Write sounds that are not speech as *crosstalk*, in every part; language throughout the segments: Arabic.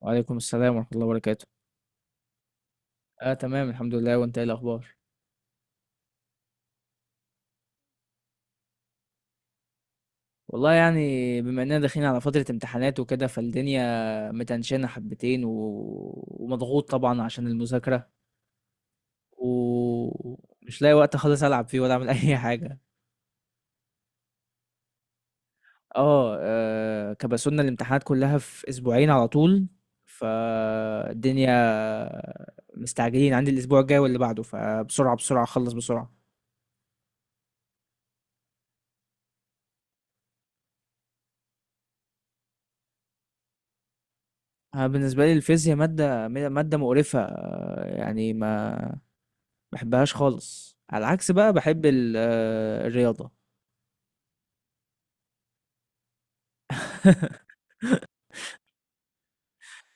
وعليكم السلام ورحمة الله وبركاته. آه تمام الحمد لله، وأنت إيه الأخبار؟ والله يعني بما إننا داخلين على فترة امتحانات وكده، فالدنيا متنشنة حبتين ومضغوط طبعًا عشان المذاكرة، ومش لاقي وقت خالص ألعب فيه ولا أعمل *laughs* أي حاجة. كبسولنا الامتحانات كلها في أسبوعين على طول، فالدنيا مستعجلين، عندي الأسبوع الجاي واللي بعده، فبسرعة، بسرعة أخلّص بسرعة. أنا بالنسبة لي الفيزيا مادة مقرفة، يعني ما بحبهاش خالص، على العكس بقى بحب الرياضة.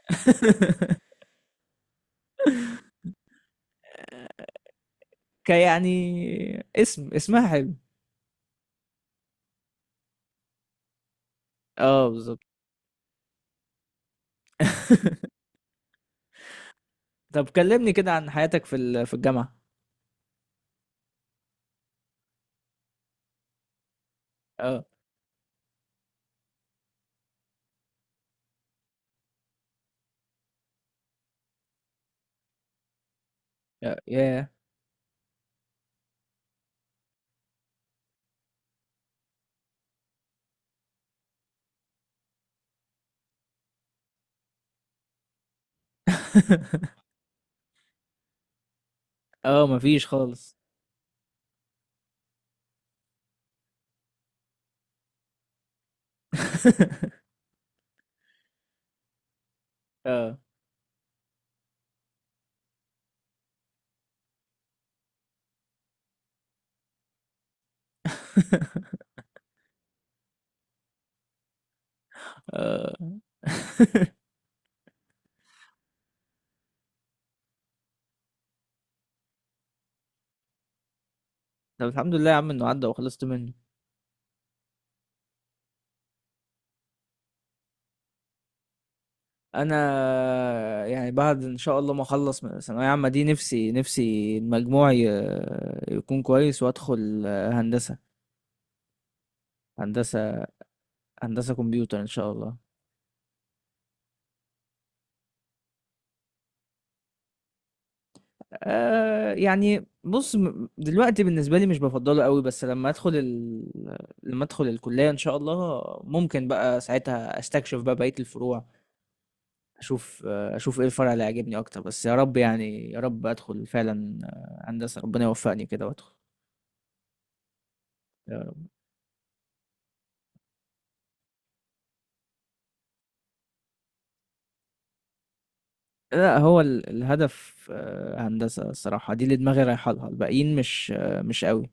*laughs* كيعني اسمها حلو. اه بالظبط. *laughs* طب كلمني كده عن حياتك في الجامعة. اه، يا ياه. *laughs* اه، مفيش خالص. *laughs* اه. *laughs* اه. *laughs* طب الحمد لله يا عم انه عدى وخلصت منه. انا يعني بعد ان شاء الله ما اخلص من الثانويه عامه دي، نفسي المجموع يكون كويس وادخل هندسه. هندسه. هندسه كمبيوتر ان شاء الله. يعني بص، دلوقتي بالنسبه لي مش بفضله قوي، بس لما ادخل الكليه ان شاء الله ممكن بقى ساعتها استكشف بقى بقيه الفروع. اشوف ايه الفرع اللي عاجبني اكتر، بس يا رب، يعني يا رب ادخل فعلا هندسه، ربنا يوفقني كده وادخل. لأ، هو الهدف هندسة الصراحة، دي اللي دماغي رايحة لها، الباقيين مش أوي.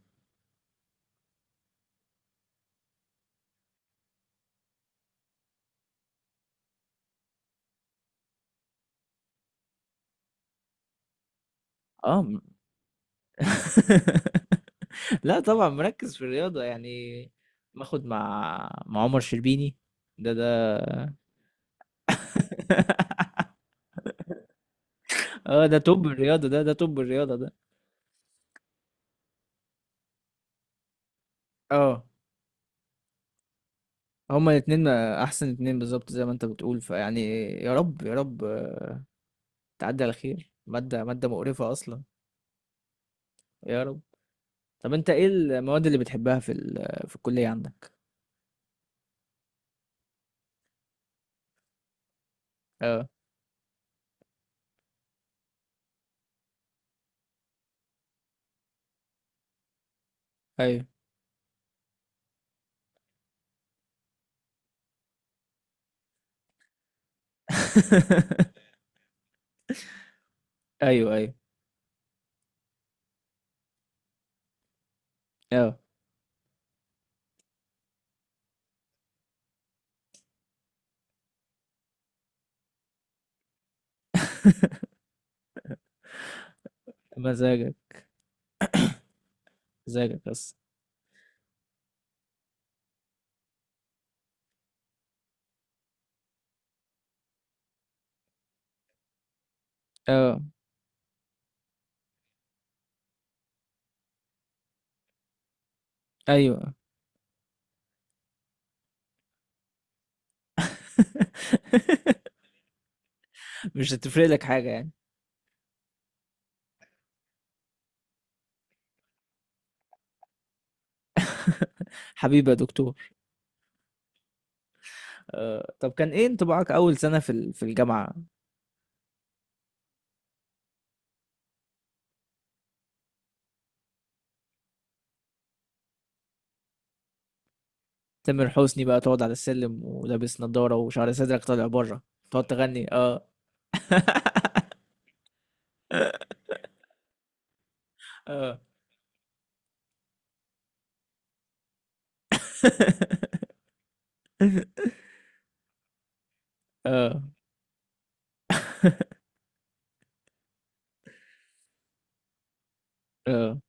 آه، م *laughs* لأ طبعًا مركّز في الرياضة، يعني باخد مع عمر شربيني، ده *laughs* آه، ده توب الرياضة ده، ده توب الرياضة ده. آه، هُم الاتنين أحسن اتنين بالضبط زي ما أنت بتقول، فيعني يا رب، يا رب تعدّي على خير، مادة مادة مقرفة أصلًا. يا رب. طَب أنت إيه المواد اللي بتحبها في الكلية عندك؟ آه. أيوه. *laughs* أيوه، أيوه، آه. *laughs* مزاجك، مزاجك بس. آه، أيوه. *laughs* مش هتفرق لك حاجة يعني. حبيبي يا دكتور. طب كان إيه انطباعك أول سنة في الجامعة؟ تامر حسني بقى تقعد على السلم ولابس نضارة وشعر صدرك طالع برّه، تقعد تغني آه. *laughs* آه. *laughs* آه، آه.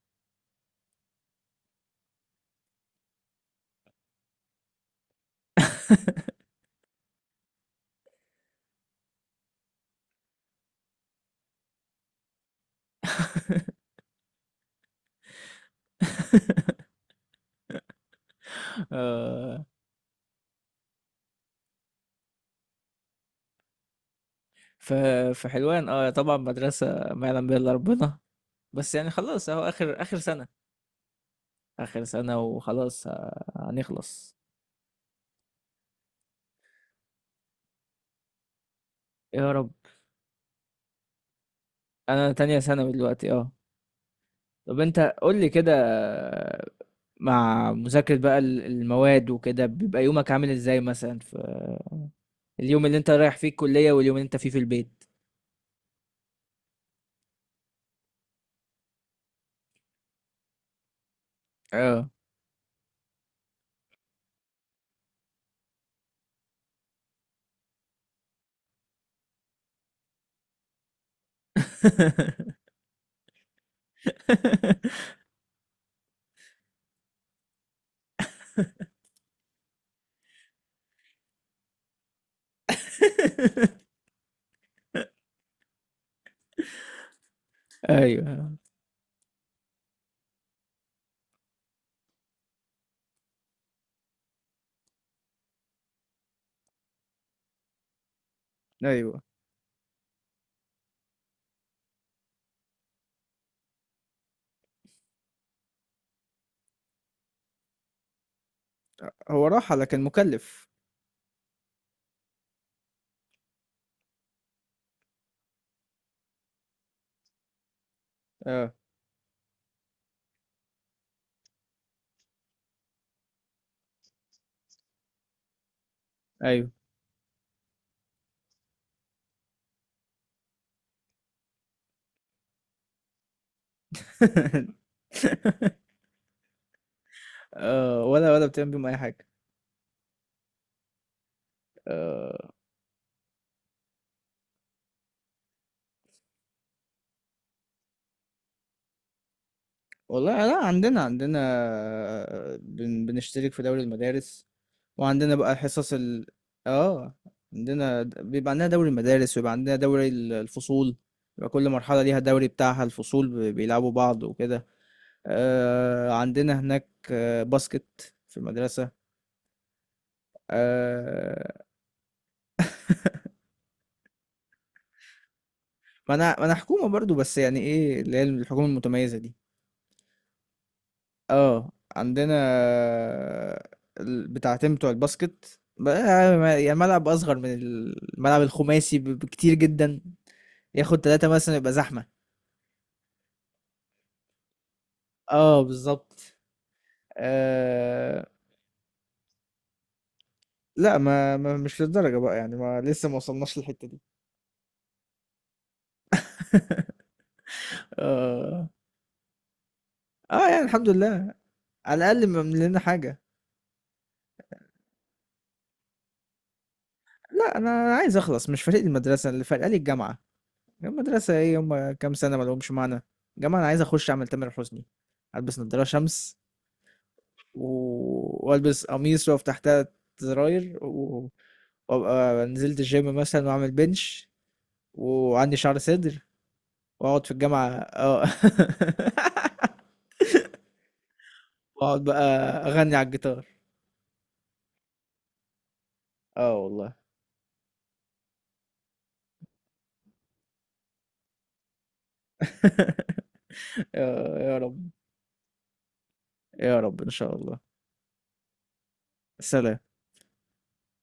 *laughs* آه. ف في حلوان، طبعًا مدرسة ما يعلم بها إلا ربنا، بس يعني خلاص أهو آخر آخر سَنة، آخر سَنة وخلاص هنخلص. يا رب. أنا تانية ثانوي دلوقتي آه. طَب أنت قُل لي كده، مع مذاكرة بقى المواد وكده، بيبقى يومك عامل إزاي مثلًا في اليوم اللي أنت رايح فيه الكُلّية واليوم اللي أنت فيه في البيت؟ آه. *laughs* أيوه، أيوه. هو راحة لكن مُكلِّف. آه. أيوه. *laughs* آه، ولا بتعمل بيهم أي حاجة. آه، والله لأ، عندنا بنشترك في دوري المدارس، وعندنا بقى حصص ال آه عندنا د- بيبقى عندنا دوري المدارس، ويبقى عندنا دوري الفصول. يبقى كل مرحلة ليها دوري بتاعها، الفصول بيلعبوا بعض وكده. آه، عندنا هناك باسكت في المدرسة. آه، ما أنا حكومة برضو، بس يعني إيه اللي هي الحكومة المتميزة دي؟ اه، عندنا بتاعتين بتوع الباسكت بقى، يعني ملعب اصغر من الملعب الخماسي بكتير جدا. ياخد 3 مثلا يبقى زحمة. اه بالظبط. آه. لا، ما مش للدرجة بقى يعني، ما لسه ما وصلناش للحتة دي. اه. اه يعني الحمد لله، على الاقل ما لنا حاجة. لا، أنا عايز اخلص، مش فارق لي المدرسة، اللي فارقة لي الجامعة. المدرسة ايه، هم كام سنة ما لهمش معنى. الجامعة انا عايز اخش اعمل تامر حسني، البس نضارة شمس، والبس قميص واقف تحتها، زراير، وابقى نزلت الجيم مثلا واعمل بنش وعندي شعر صدر واقعد في الجامعة اه. *laughs* واقعد بقى اغني على الجيتار. اه والله. *laughs* يا يا رب، يا رب ان شاء الله. سلام.